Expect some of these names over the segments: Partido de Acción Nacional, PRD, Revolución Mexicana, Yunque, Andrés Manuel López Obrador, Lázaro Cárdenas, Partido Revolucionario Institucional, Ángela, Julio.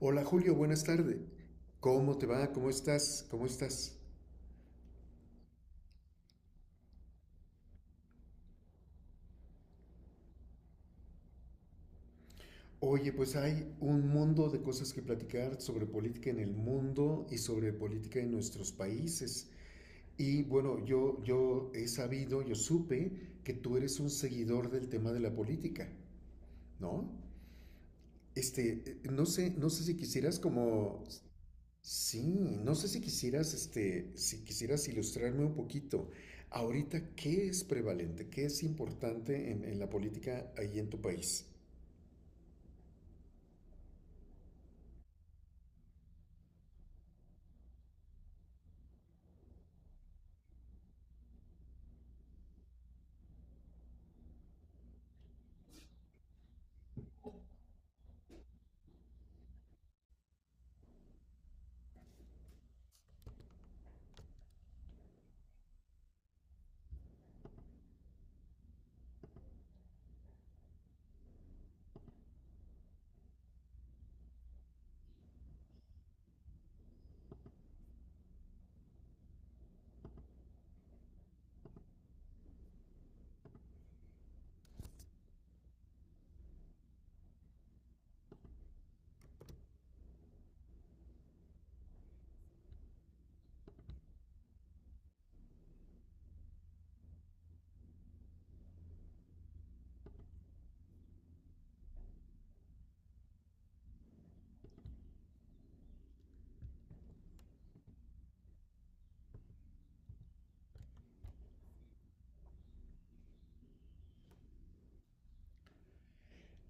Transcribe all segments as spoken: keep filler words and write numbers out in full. Hola Julio, buenas tardes. ¿Cómo te va? ¿Cómo estás? ¿Cómo estás? Oye, pues hay un mundo de cosas que platicar sobre política en el mundo y sobre política en nuestros países. Y bueno, yo, yo he sabido, yo supe que tú eres un seguidor del tema de la política, ¿no? Este, eh, no sé, no sé si quisieras como sí, no sé si quisieras, este, si quisieras ilustrarme un poquito. Ahorita, ¿qué es prevalente? ¿Qué es importante en, en la política ahí en tu país?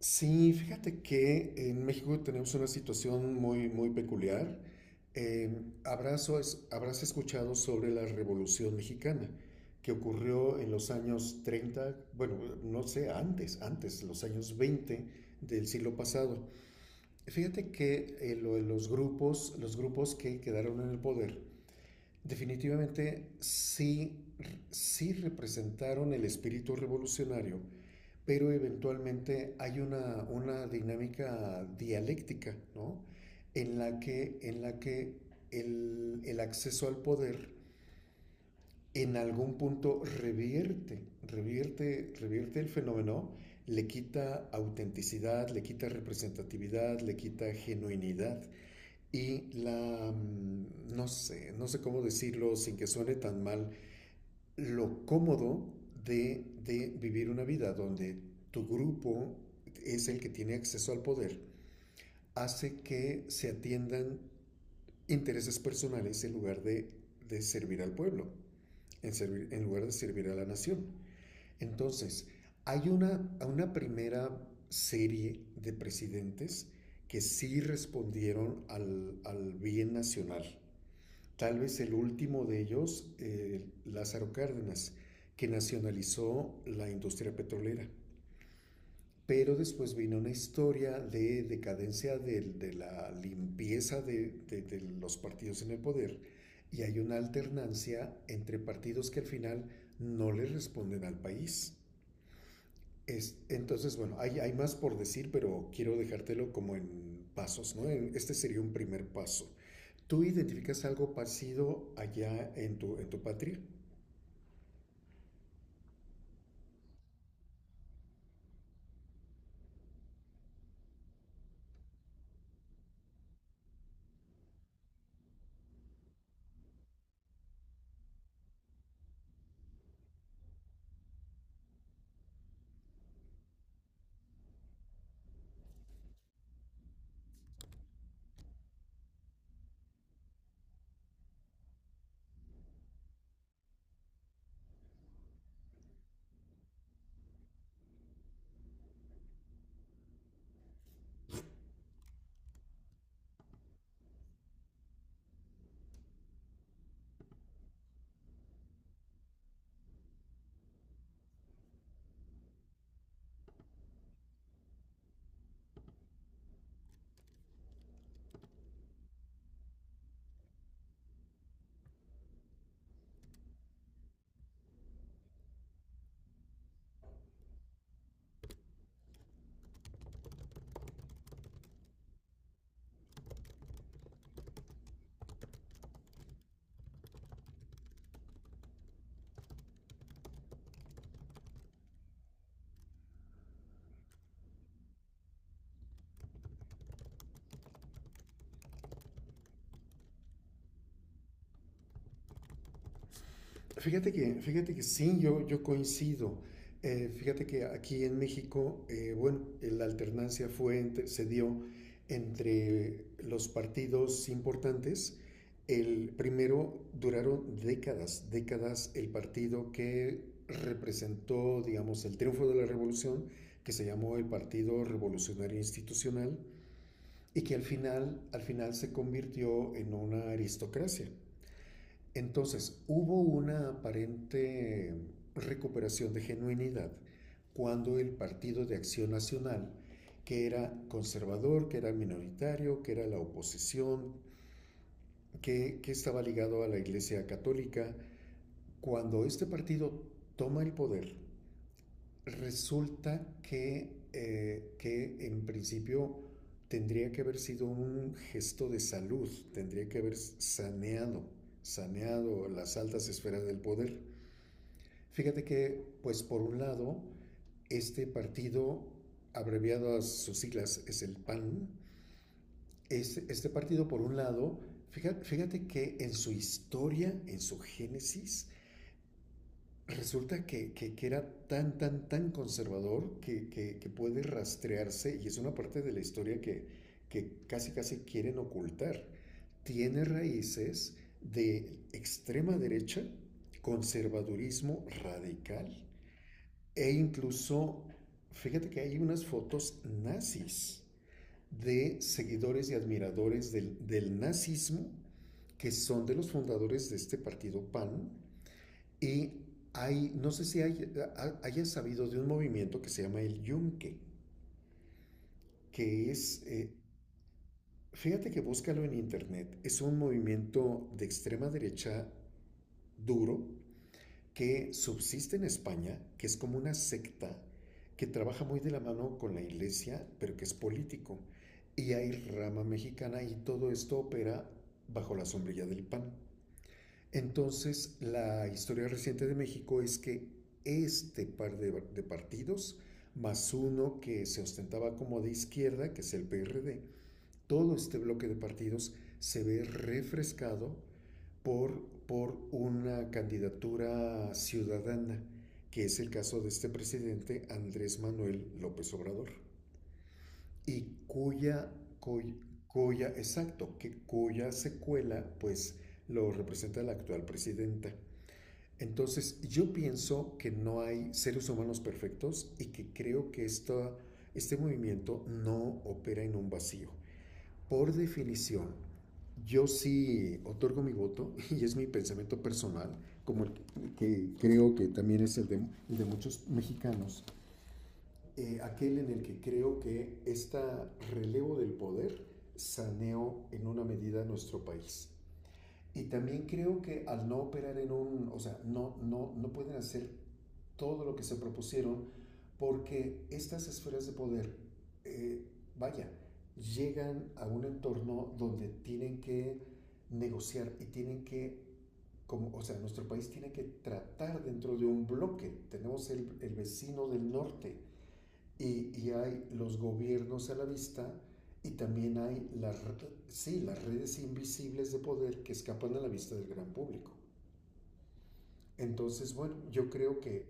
Sí, fíjate que en México tenemos una situación muy, muy peculiar. Eh, habrás, o es- habrás escuchado sobre la Revolución Mexicana, que ocurrió en los años treinta, bueno, no sé, antes, antes, los años veinte del siglo pasado. Fíjate que eh, lo de los grupos, los grupos que quedaron en el poder, definitivamente sí, sí representaron el espíritu revolucionario, pero eventualmente hay una, una dinámica dialéctica, ¿no? En la que, en la que el, el acceso al poder en algún punto revierte, revierte, revierte el fenómeno, le quita autenticidad, le quita representatividad, le quita genuinidad y la, mm, no sé, no sé cómo decirlo sin que suene tan mal, lo cómodo de, de vivir una vida donde tu grupo es el que tiene acceso al poder, hace que se atiendan intereses personales en lugar de, de servir al pueblo, en, servir- en lugar de servir a la nación. Entonces, hay una, una primera serie de presidentes que sí respondieron al, al bien nacional. Tal vez el último de ellos, eh, Lázaro Cárdenas, que nacionalizó la industria petrolera. Pero después vino una historia de decadencia de, de la limpieza de, de, de los partidos en el poder y hay una alternancia entre partidos que al final no le responden al país. Es, entonces, bueno, hay, hay más por decir, pero quiero dejártelo como en pasos, ¿no? Este sería un primer paso. ¿Tú identificas algo parecido allá en tu, en tu patria? Fíjate que, fíjate que sí, yo, yo coincido. Eh, fíjate que aquí en México, eh, bueno, eh, la alternancia fue, entre- se dio entre los partidos importantes. El primero duraron décadas, décadas el partido que representó, digamos, el triunfo de la revolución, que se llamó el Partido Revolucionario Institucional, y que al final, al final se convirtió en una aristocracia. Entonces, hubo una aparente recuperación de genuinidad cuando el Partido de Acción Nacional, que era conservador, que era minoritario, que era la oposición, que, que estaba ligado a la Iglesia Católica, cuando este partido toma el poder, resulta que, eh, que en principio tendría que haber sido un gesto de salud, tendría que haber saneado, saneado las altas esferas del poder. Fíjate que, pues por un lado, este partido, abreviado a sus siglas, es el P A N. Este, este partido, por un lado, fíjate, fíjate, que en su historia, en su génesis, resulta que, que, que era tan, tan, tan conservador que, que, que puede rastrearse y es una parte de la historia que, que casi, casi quieren ocultar. Tiene raíces de extrema derecha, conservadurismo radical. E incluso, fíjate que hay unas fotos nazis de seguidores y admiradores del, del nazismo que son de los fundadores de este partido P A N. Y hay, no sé si hay, hayas sabido de un movimiento que se llama el Yunque, que es, eh, fíjate que búscalo en internet, es un movimiento de extrema derecha duro que subsiste en España, que es como una secta que trabaja muy de la mano con la iglesia, pero que es político. Y hay rama mexicana y todo esto opera bajo la sombrilla del P A N. Entonces, la historia reciente de México es que este par de, de partidos, más uno que se ostentaba como de izquierda, que es el P R D, todo este bloque de partidos se ve refrescado por, por una candidatura ciudadana, que es el caso de este presidente Andrés Manuel López Obrador, y cuya, cuya, cuya exacto, que cuya secuela pues lo representa la actual presidenta. Entonces, yo pienso que no hay seres humanos perfectos y que creo que esta, este movimiento no opera en un vacío. Por definición, yo sí otorgo mi voto y es mi pensamiento personal, como el que creo que también es el de, el de muchos mexicanos, eh, aquel en el que creo que este relevo del poder saneó en una medida nuestro país. Y también creo que al no operar en un, o sea, no, no, no pueden hacer todo lo que se propusieron porque estas esferas de poder, eh, vaya, llegan a un entorno donde tienen que negociar y tienen que, como, o sea, nuestro país tiene que tratar dentro de un bloque. Tenemos el, el vecino del norte, y, y hay los gobiernos a la vista y también hay las, sí, las redes invisibles de poder que escapan a la vista del gran público. Entonces, bueno, yo creo que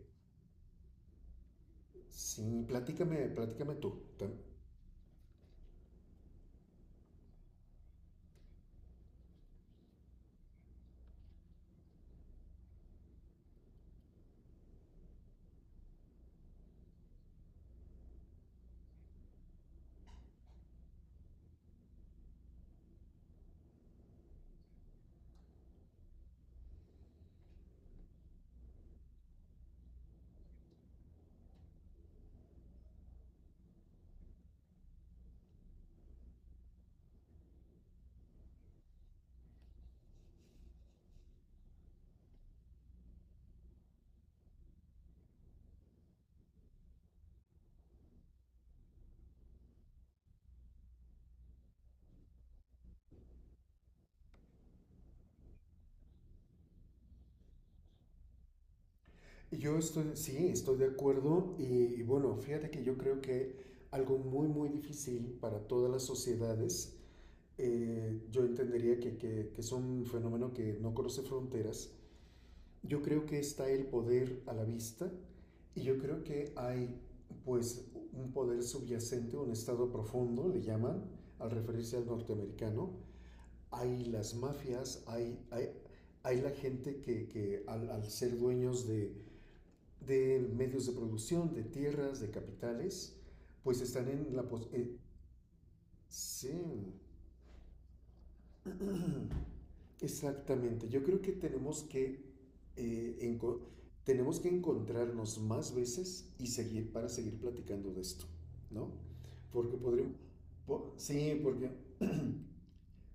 sí, platícame, platícame tú. Yo estoy, sí, estoy de acuerdo y, y bueno, fíjate que yo creo que algo muy, muy difícil para todas las sociedades, eh, yo entendería que, que, que es un fenómeno que no conoce fronteras. Yo creo que está el poder a la vista y yo creo que hay pues un poder subyacente, un estado profundo, le llaman, al referirse al norteamericano. Hay las mafias, hay, hay, hay la gente que, que al, al ser dueños de, de medios de producción, de tierras, de capitales, pues están en la... Eh, sí. Exactamente, yo creo que tenemos que, eh, enco- tenemos que encontrarnos más veces y seguir para seguir platicando de esto, ¿no? Porque podríamos, sí, porque,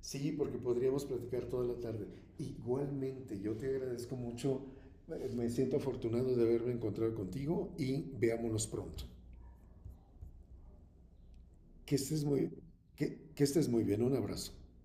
sí, porque podríamos platicar toda la tarde. Igualmente, yo te agradezco mucho, eh, me siento afortunado de haberme encontrado contigo y veámonos pronto. Que estés muy, que, que estés muy bien, un abrazo.